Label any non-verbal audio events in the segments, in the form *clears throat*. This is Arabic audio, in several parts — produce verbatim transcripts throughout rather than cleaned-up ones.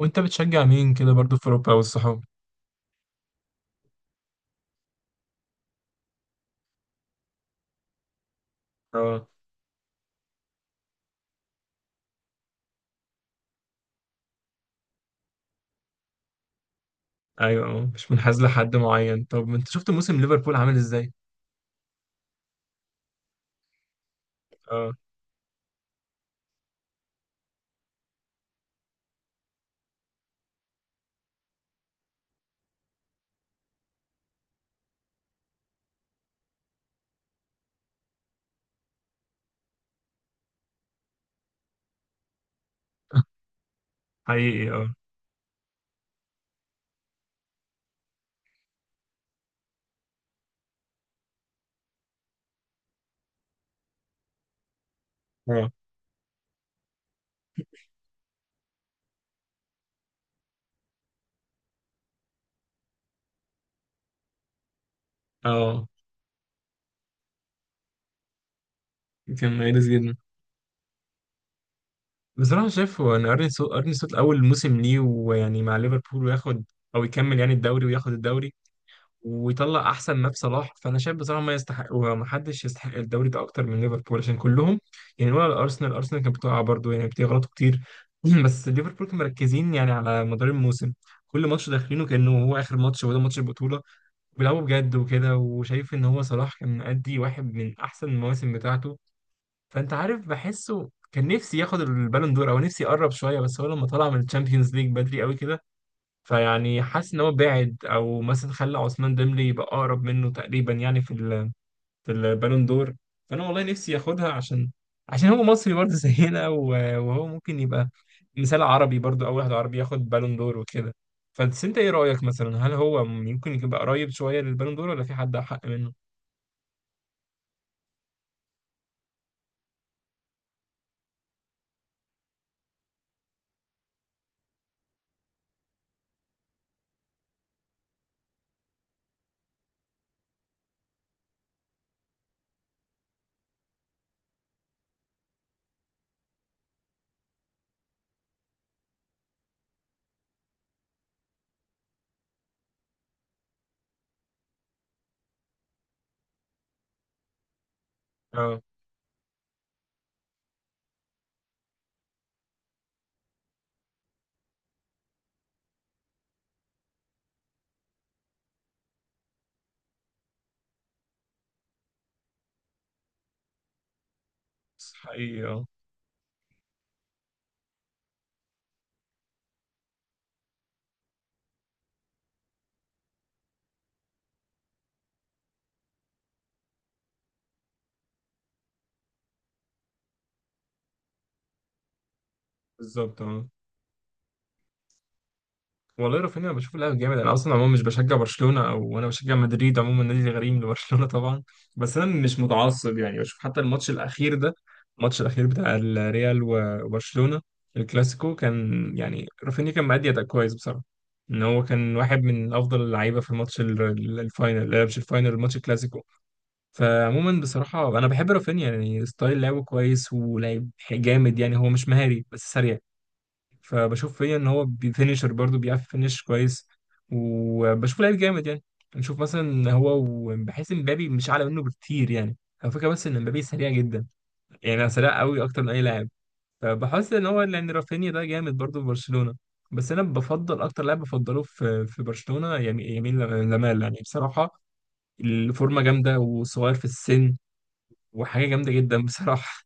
وانت بتشجع مين كده برضو في اوروبا والصحاب. اه. ايوه، اه مش منحاز لحد معين. طب انت شفت موسم ليفربول عامل ازاي؟ اه. *laughs* حقيقي اه. اه اه كان مميز جدا. بصراحة شايف هو ان ارني سلوت ارني سلوت اول موسم ليه ويعني مع ليفربول وياخد، او يكمل يعني الدوري وياخد الدوري ويطلع احسن ما في صلاح. فانا شايف بصراحه ما يستحق ومحدش يستحق الدوري ده اكتر من ليفربول عشان كلهم يعني. ولا الارسنال الارسنال كانت بتقع برضه، يعني بتغلطوا كتير. *clears throat* بس ليفربول كانوا مركزين يعني على مدار الموسم، كل ماتش داخلينه كانه هو اخر ماتش وده ماتش البطوله. بيلعبوا بجد وكده، وشايف ان هو صلاح كان مأدي واحد من احسن المواسم بتاعته. فانت عارف، بحسه كان نفسي ياخد البالون دور، او نفسي يقرب شويه، بس هو لما طلع من الشامبيونز ليج بدري قوي كده، فيعني حاسس ان هو بعد، او مثلا خلى عثمان ديمبلي يبقى اقرب منه تقريبا يعني في ال في البالون دور. فانا والله نفسي ياخدها عشان، عشان هو مصري برضه *laughs* زينا و- وهو ممكن يبقى مثال عربي برضه، اول واحد عربي ياخد بالون دور وكده. فبس انت ايه رايك مثلا، هل هو ممكن يبقى قريب شويه للبالون دور ولا في حد احق منه؟ اه. حقيقي اه. بالظبط اه. والله رافينيا بشوف لاعب جامد. انا اصلا عموما مش بشجع برشلونه، او انا بشجع مدريد عموما، نادي غريم لبرشلونه طبعا. بس انا مش متعصب يعني، بشوف حتى الماتش الاخير ده، الماتش الاخير بتاع الريال وبرشلونه الكلاسيكو، كان يعني رافينيا كان مأدي اداء كويس بصراحه. ان هو كان واحد من افضل اللعيبه في الماتش ال- ال- الفاينل، لا مش الفاينل، الماتش الكلاسيكو. فعموما بصراحه انا بحب رافينيا، يعني ستايل لعبه كويس ولاعب جامد، يعني هو مش مهاري بس سريع. فبشوف فيا ان هو بيفينشر برضه، بيعرف فينش كويس. وبشوف لعيب جامد يعني. نشوف مثلا هو، وبحس ان مبابي مش اعلى منه بكتير يعني. هو فكره بس ان مبابي سريع جدا، يعني سريع قوي اكتر من اي لاعب. فبحس ان هو يعني رافينيا ده جامد برضه في برشلونه. بس انا بفضل اكتر لاعب بفضله في في برشلونه يعني يمين لم- لمال يعني بصراحه. الفورمه جامده وصغير في السن، وحاجه جامده جدا بصراحه.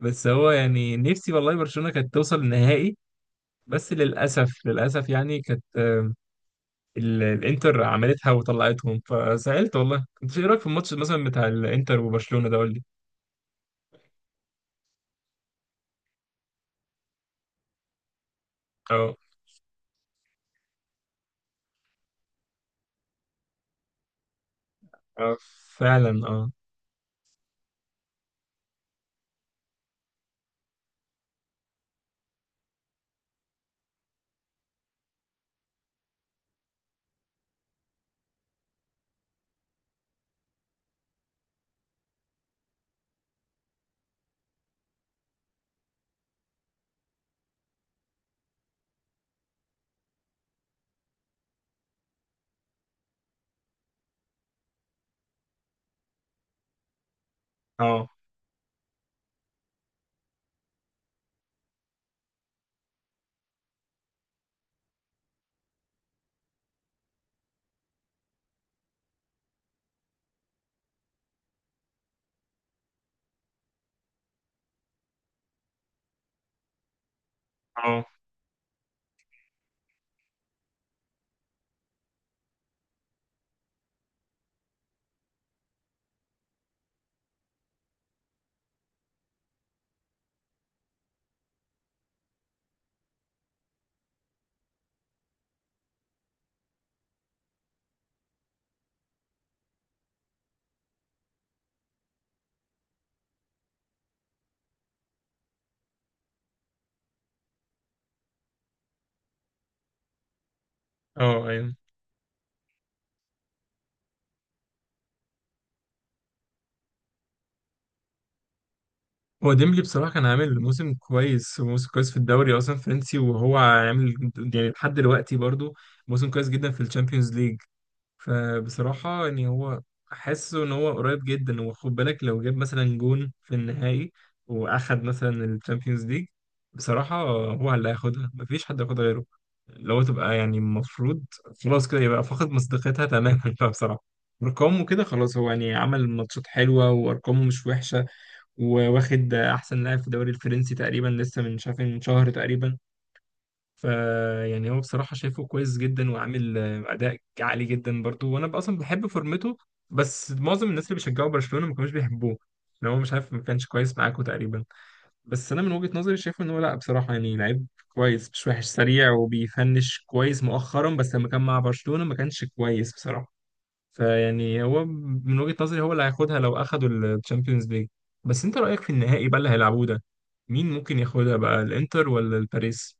بس هو يعني نفسي والله برشلونه كانت توصل النهائي، بس للأسف، للأسف يعني كانت، آه، ال- الإنتر عملتها وطلعتهم فزعلت والله كنت. إيه رأيك في الماتش مثلا بتاع الإنتر وبرشلونة ده قول لي؟ اه. اه فعلا اه. اه اه اه ايوه. هو ديمبلي بصراحة كان عامل موسم كويس، وموسم كويس في الدوري أصلا فرنسي، وهو عامل يعني لحد دلوقتي برضو موسم كويس جدا في الشامبيونز ليج. فبصراحة يعني هو حاسه إن هو قريب جدا. وخد بالك لو جاب مثلا جون في النهائي وأخد مثلا الشامبيونز ليج، بصراحة هو اللي هياخدها، مفيش حد هياخدها غيره. لو تبقى يعني المفروض، خلاص كده يبقى فقد مصداقيتها تماما *laughs* بقى بصراحة. أرقامه كده خلاص، هو يعني عمل ماتشات حلوة وأرقامه مش وحشة، وواخد أحسن لاعب في الدوري الفرنسي تقريبا لسه من شاف من شهر تقريبا. فيعني هو بصراحة شايفه كويس جدا وعامل آه، أداء عالي جدا برضه. وأنا بقى أصلا بحب فورمته، بس معظم الناس اللي بيشجعوا برشلونة ما كانوش بيحبوه، إن هو مش عارف، ما كانش كويس معاكوا تقريبا. بس أنا من وجهة نظري شايفه إن هو لأ، بصراحة يعني لعيب كويس مش وحش، سريع وبيفنش كويس مؤخرا، بس لما كان مع برشلونة ما كانش كويس بصراحة. فيعني هو من وجهة نظري هو اللي هياخدها لو أخدوا الشامبيونز ليج. بس أنت رأيك في النهائي بقى اللي هيلعبوه ده، مين ممكن ياخدها بقى الإنتر ولا الباريس؟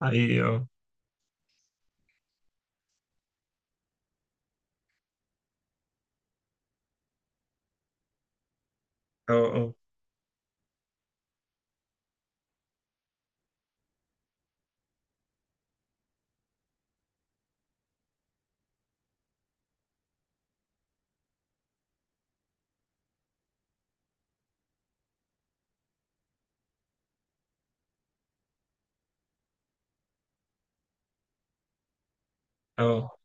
حقيقي اه. اه اه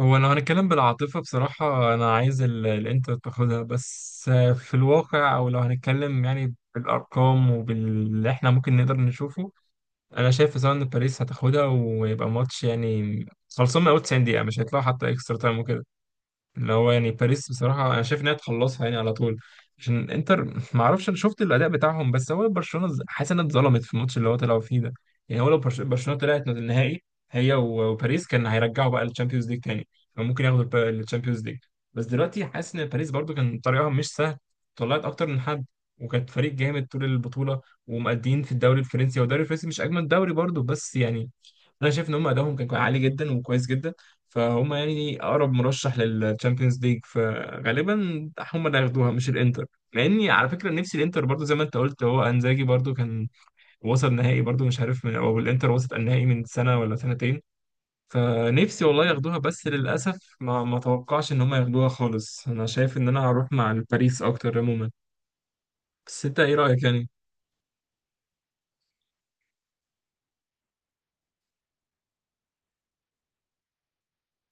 هو لو هنتكلم بالعاطفة بصراحة أنا عايز ال- الإنتر تاخدها. بس آه، في الواقع، أو لو هنتكلم يعني بالأرقام وباللي إحنا ممكن نقدر نشوفه، أنا شايف بصراحة إن باريس هتاخدها، ويبقى ماتش يعني خلصان من أول تسعين دقيقة، مش هيطلعوا حتى إكسترا تايم وكده. اللي هو يعني باريس بصراحة أنا شايف إنها تخلصها يعني على طول، عشان إنتر *laughs* ما أعرفش، أنا شفت الأداء بتاعهم. بس هو برشلونة ز- حاسس إنها اتظلمت في الماتش اللي هو طلعوا فيه ده. يعني هو لو برش- برشلونة طلعت النهائي هي و- وباريس، كان هيرجعوا بقى للتشامبيونز ليج تاني، فممكن ياخدوا التشامبيونز ليج. بس دلوقتي حاسس إن باريس برضو كان طريقها مش سهل، طلعت أكتر من حد، وكانت فريق جامد طول البطولة، ومأدين في الدوري الفرنسي. والدوري الفرنسي مش أجمل دوري برضو، بس يعني أنا شايف إن هم أدائهم كان عالي جدا وكويس جدا. فهم يعني اقرب مرشح للتشامبيونز ليج، فغالبا هم اللي هياخدوها مش الانتر. مع اني على فكره نفسي الانتر برضو، زي ما انت قلت هو انزاجي برضو كان وصل نهائي برضو، مش عارف من، او الانتر وصلت النهائي من سنه ولا سنتين. فنفسي والله ياخدوها، بس للاسف ما ما توقعش ان هم ياخدوها خالص. انا شايف ان انا هروح مع الباريس اكتر عموما، بس انت ايه رايك يعني؟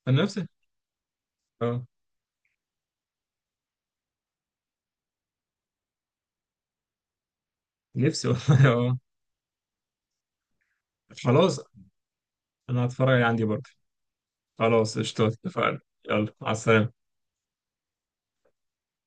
انا نفسي. اه. نفسي والله *laughs* اه. خلاص انا هتفرج عندي برضو. خلاص قشطة، اتفقنا. يلا مع السلامه.